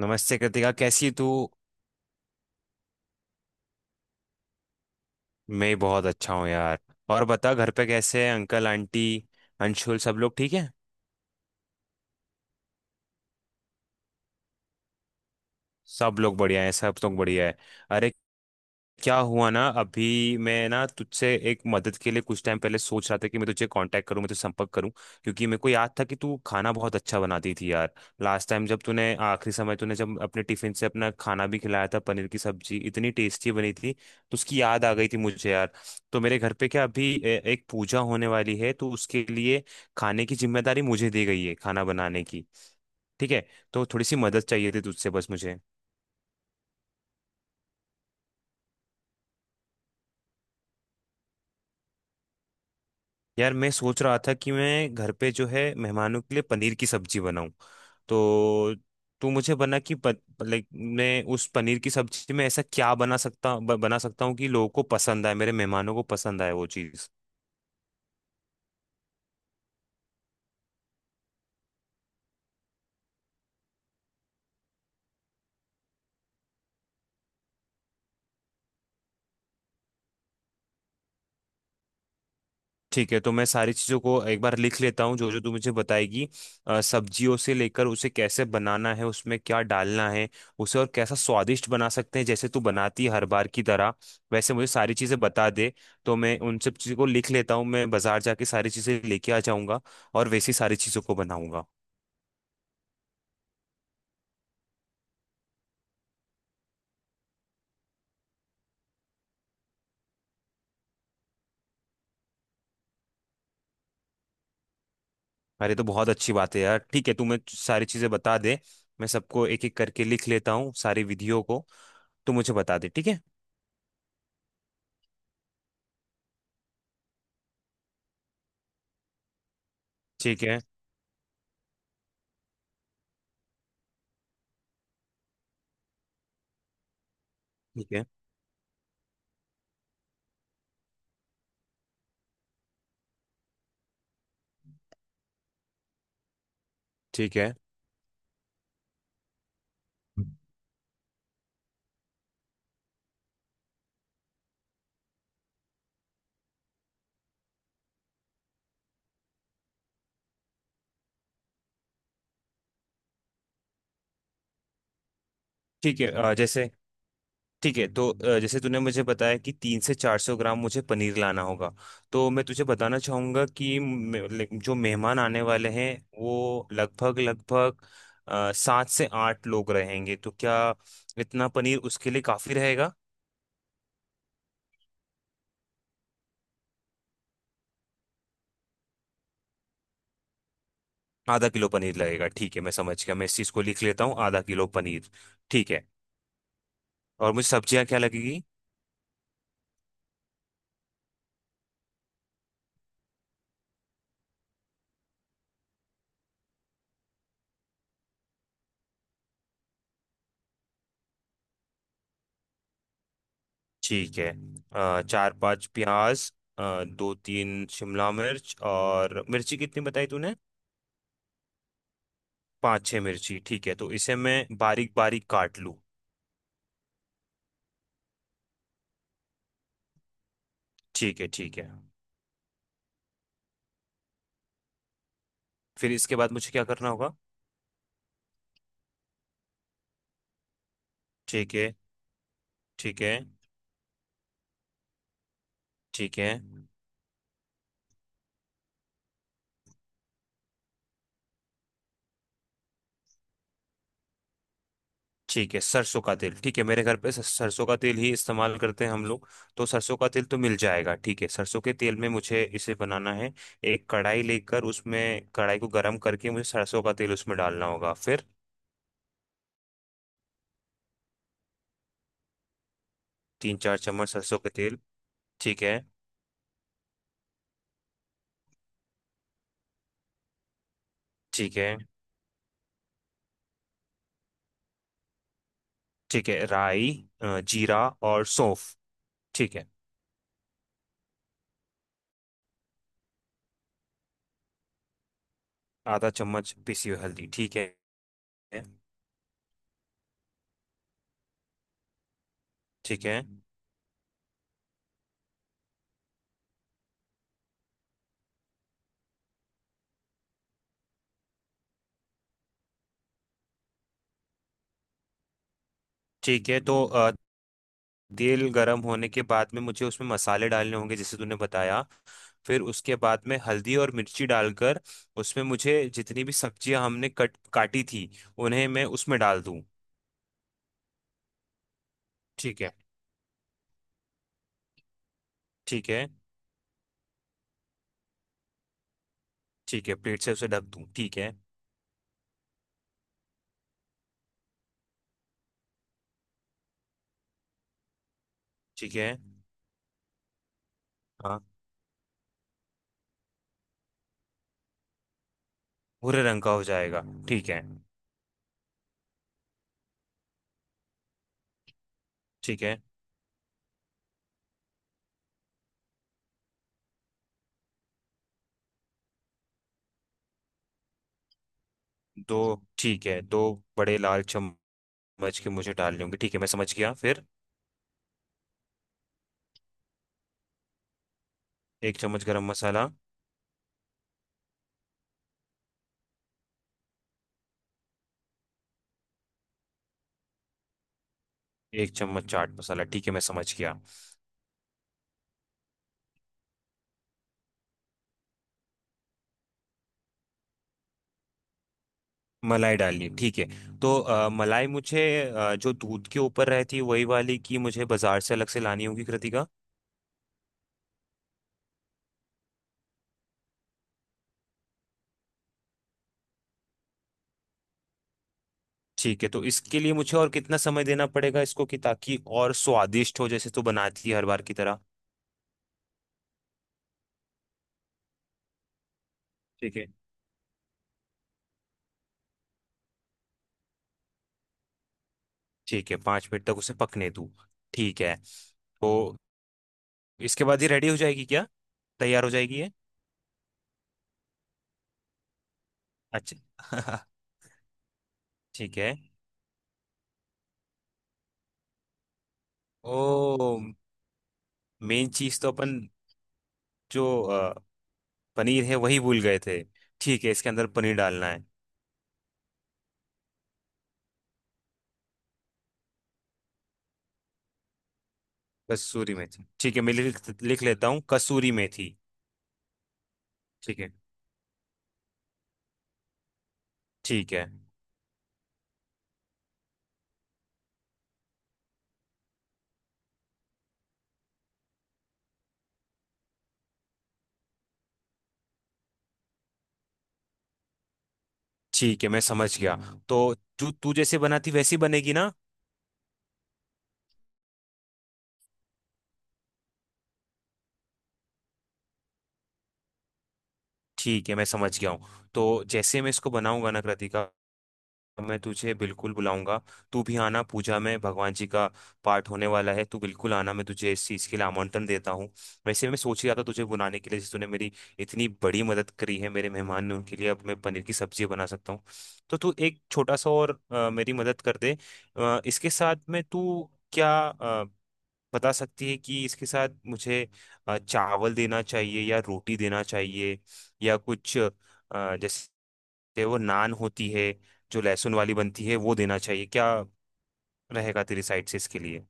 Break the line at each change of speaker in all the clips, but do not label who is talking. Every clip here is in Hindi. नमस्ते कृतिका। कैसी तू? मैं बहुत अच्छा हूँ यार। और बता, घर पे कैसे हैं अंकल आंटी, अंशुल? सब लोग ठीक है? सब लोग बढ़िया हैं, सब लोग बढ़िया है। अरे, क्या हुआ ना, अभी मैं ना तुझसे एक मदद के लिए कुछ टाइम पहले सोच रहा था कि मैं तुझे कांटेक्ट करूं, मैं तुझसे संपर्क करूं। क्योंकि मेरे को याद था कि तू खाना बहुत अच्छा बनाती थी यार। लास्ट टाइम जब तूने आखिरी समय तूने जब अपने टिफिन से अपना खाना भी खिलाया था, पनीर की सब्जी इतनी टेस्टी बनी थी, तो उसकी याद आ गई थी मुझे यार। तो मेरे घर पे क्या अभी एक पूजा होने वाली है, तो उसके लिए खाने की जिम्मेदारी मुझे दी गई है, खाना बनाने की। ठीक है? तो थोड़ी सी मदद चाहिए थी तुझसे बस मुझे। यार, मैं सोच रहा था कि मैं घर पे जो है मेहमानों के लिए पनीर की सब्जी बनाऊं। तो तू मुझे बना कि लाइक मैं उस पनीर की सब्जी में ऐसा क्या बना सकता बना सकता हूँ कि लोगों को पसंद आए, मेरे मेहमानों को पसंद आए वो चीज़। ठीक है, तो मैं सारी चीज़ों को एक बार लिख लेता हूँ जो जो तू मुझे बताएगी। सब्जियों से लेकर उसे कैसे बनाना है, उसमें क्या डालना है, उसे और कैसा स्वादिष्ट बना सकते हैं जैसे तू बनाती है हर बार की तरह। वैसे मुझे सारी चीज़ें बता दे। तो मैं उन सब चीज़ों को लिख लेता हूँ, मैं बाजार जाके सारी चीज़ें लेके आ जाऊंगा और वैसी सारी चीज़ों को बनाऊंगा। अरे, तो बहुत अच्छी बात है यार। ठीक है तू, मैं सारी चीज़ें बता दे। मैं सबको एक एक करके लिख लेता हूँ सारी विधियों को। तू मुझे बता दे। ठीक है। ठीक है। ठीक है। ठीक है। ठीक है। जैसे, ठीक है तो जैसे तूने मुझे बताया कि 300 से 400 ग्राम मुझे पनीर लाना होगा, तो मैं तुझे बताना चाहूँगा कि लाइक जो मेहमान आने वाले हैं, वो लगभग लगभग सात से आठ लोग रहेंगे, तो क्या इतना पनीर उसके लिए काफ़ी रहेगा? आधा किलो पनीर लगेगा, ठीक है, मैं समझ गया। मैं इस चीज़ को लिख लेता हूँ, आधा किलो पनीर। ठीक है। और मुझे सब्जियाँ क्या लगेगी? ठीक है। चार पाँच प्याज, दो तीन शिमला मिर्च, और मिर्ची कितनी बताई तूने? पाँच छः मिर्ची। ठीक है, तो इसे मैं बारीक बारीक काट लूँ। ठीक है। ठीक है। फिर इसके बाद मुझे क्या करना होगा? ठीक है। ठीक है। ठीक है। ठीक है, सरसों का तेल। ठीक है, मेरे घर पे सरसों का तेल ही इस्तेमाल करते हैं हम लोग। तो सरसों का तेल तो मिल जाएगा। ठीक है, सरसों के तेल में मुझे इसे बनाना है। एक कढ़ाई लेकर उसमें कढ़ाई को गर्म करके मुझे सरसों का तेल उसमें डालना होगा। फिर तीन चार चम्मच सरसों का तेल। ठीक है। ठीक है। ठीक है, राई, जीरा और सौंफ। ठीक है। आधा चम्मच पिसी हुई हल्दी। ठीक है। ठीक है। ठीक है तो तेल गरम होने के बाद में मुझे उसमें मसाले डालने होंगे जैसे तूने बताया। फिर उसके बाद में हल्दी और मिर्ची डालकर उसमें मुझे जितनी भी सब्जियां हमने कट काटी थी, उन्हें मैं उसमें डाल दूं। ठीक है। ठीक है। ठीक है, प्लेट से उसे ढक दूं, ठीक है। ठीक है। हाँ। भूरे रंग का हो जाएगा। ठीक है। ठीक है, दो, ठीक है, दो बड़े लाल चम्मच के मुझे डालने होंगे। ठीक है, मैं समझ गया। फिर एक चम्मच गरम मसाला, एक चम्मच चाट मसाला। ठीक है, मैं समझ गया। मलाई डालनी, ठीक है। तो मलाई मुझे जो दूध के ऊपर रहती है वही वाली की मुझे बाजार से अलग से लानी होगी कृतिका? ठीक है, तो इसके लिए मुझे और कितना समय देना पड़ेगा इसको कि, ताकि और स्वादिष्ट हो जैसे तो बनाती है हर बार की तरह? ठीक है। ठीक है, 5 मिनट तक उसे पकने दूँ, ठीक है। तो इसके बाद ये रेडी हो जाएगी क्या? तैयार हो जाएगी ये? अच्छा। ठीक है। ओ, मेन चीज तो अपन, जो पनीर है, वही भूल गए थे। ठीक है, इसके अंदर पनीर डालना है। कसूरी मेथी, ठीक है, मैं लिख लिख लेता हूँ, कसूरी मेथी। ठीक है। ठीक है। ठीक है, मैं समझ गया। तो जो तू जैसे बनाती वैसी बनेगी ना? ठीक है, मैं समझ गया हूँ। तो जैसे मैं इसको बनाऊंगा ना कृतिका, मैं तुझे बिल्कुल बुलाऊंगा। तू भी आना, पूजा में भगवान जी का पाठ होने वाला है, तू बिल्कुल आना, मैं तुझे इस चीज़ के लिए आमंत्रण देता हूँ। वैसे मैं सोच ही रहा था तुझे बुलाने के लिए जैसे तूने मेरी इतनी बड़ी मदद करी है। मेरे मेहमान ने, उनके लिए अब मैं पनीर की सब्जी बना सकता हूँ। तो तू एक छोटा सा और मेरी मदद कर दे। इसके साथ में तू क्या बता सकती है कि इसके साथ मुझे चावल देना चाहिए या रोटी देना चाहिए, या कुछ जैसे, चाहे वो नान होती है जो लहसुन वाली बनती है, वो देना चाहिए क्या? रहेगा तेरी साइड से इसके लिए?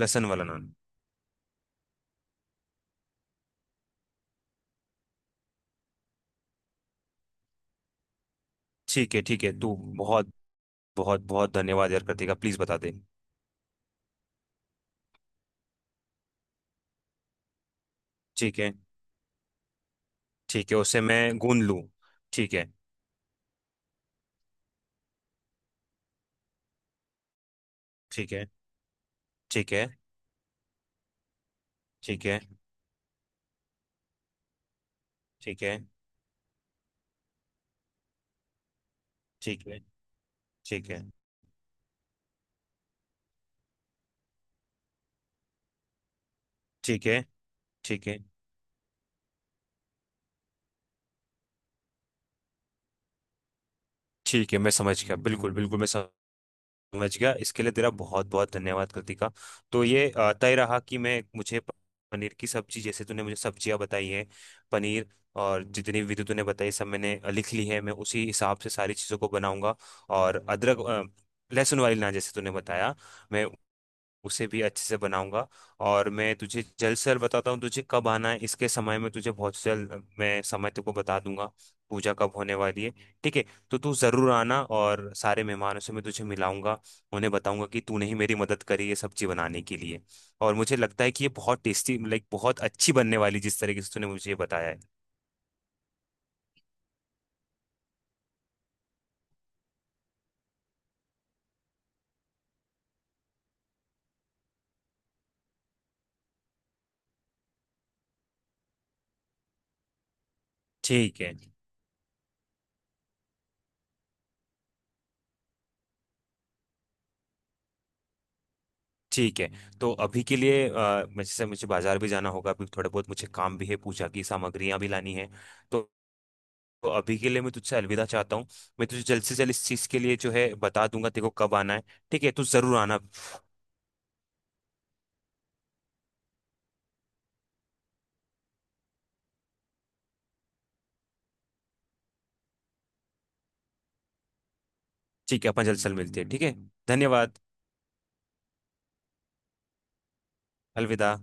लहसुन वाला नान। ठीक है। ठीक है, तू बहुत बहुत बहुत धन्यवाद यार कृतिका, प्लीज बता दे। ठीक है। ठीक है, उसे मैं गूंद लूँ। ठीक है। ठीक है। ठीक है। ठीक है। ठीक है। ठीक है। ठीक है। ठीक है। ठीक है। ठीक है, मैं समझ गया, बिल्कुल बिल्कुल मैं समझ समझ गया। इसके लिए तेरा बहुत बहुत धन्यवाद कृतिका। तो ये तय रहा कि मैं मुझे पनीर की सब्जी जैसे तूने मुझे सब्जियां बताई हैं, पनीर, और जितनी विधि तूने बताई सब मैंने लिख ली है, मैं उसी हिसाब से सारी चीज़ों को बनाऊंगा। और अदरक, लहसुन वाली ना जैसे तूने बताया, मैं उसे भी अच्छे से बनाऊंगा। और मैं तुझे जल्द से जल्द बताता हूँ तुझे कब आना है इसके समय में, तुझे बहुत जल्द मैं समय तुमको बता दूंगा पूजा कब होने वाली है। ठीक है, तो तू जरूर आना, और सारे मेहमानों से मैं तुझे मिलाऊंगा, उन्हें बताऊंगा कि तूने ही मेरी मदद करी ये सब्जी बनाने के लिए। और मुझे लगता है कि ये बहुत टेस्टी, लाइक बहुत अच्छी बनने वाली, जिस तरीके से तूने मुझे ये बताया है। ठीक है। ठीक है, तो अभी के लिए जैसे मुझे बाजार भी जाना होगा, अभी थोड़ा बहुत मुझे काम भी है, पूजा की सामग्रियां भी लानी है। तो तो अभी के लिए मैं तुझसे अलविदा चाहता हूँ, मैं तुझे जल्द से जल्द इस चीज़ के लिए जो है बता दूंगा तेरे को कब आना है। ठीक है, तू जरूर आना। ठीक है, अपन जल्द से जल्द मिलते हैं, ठीक है। धन्यवाद। अलविदा।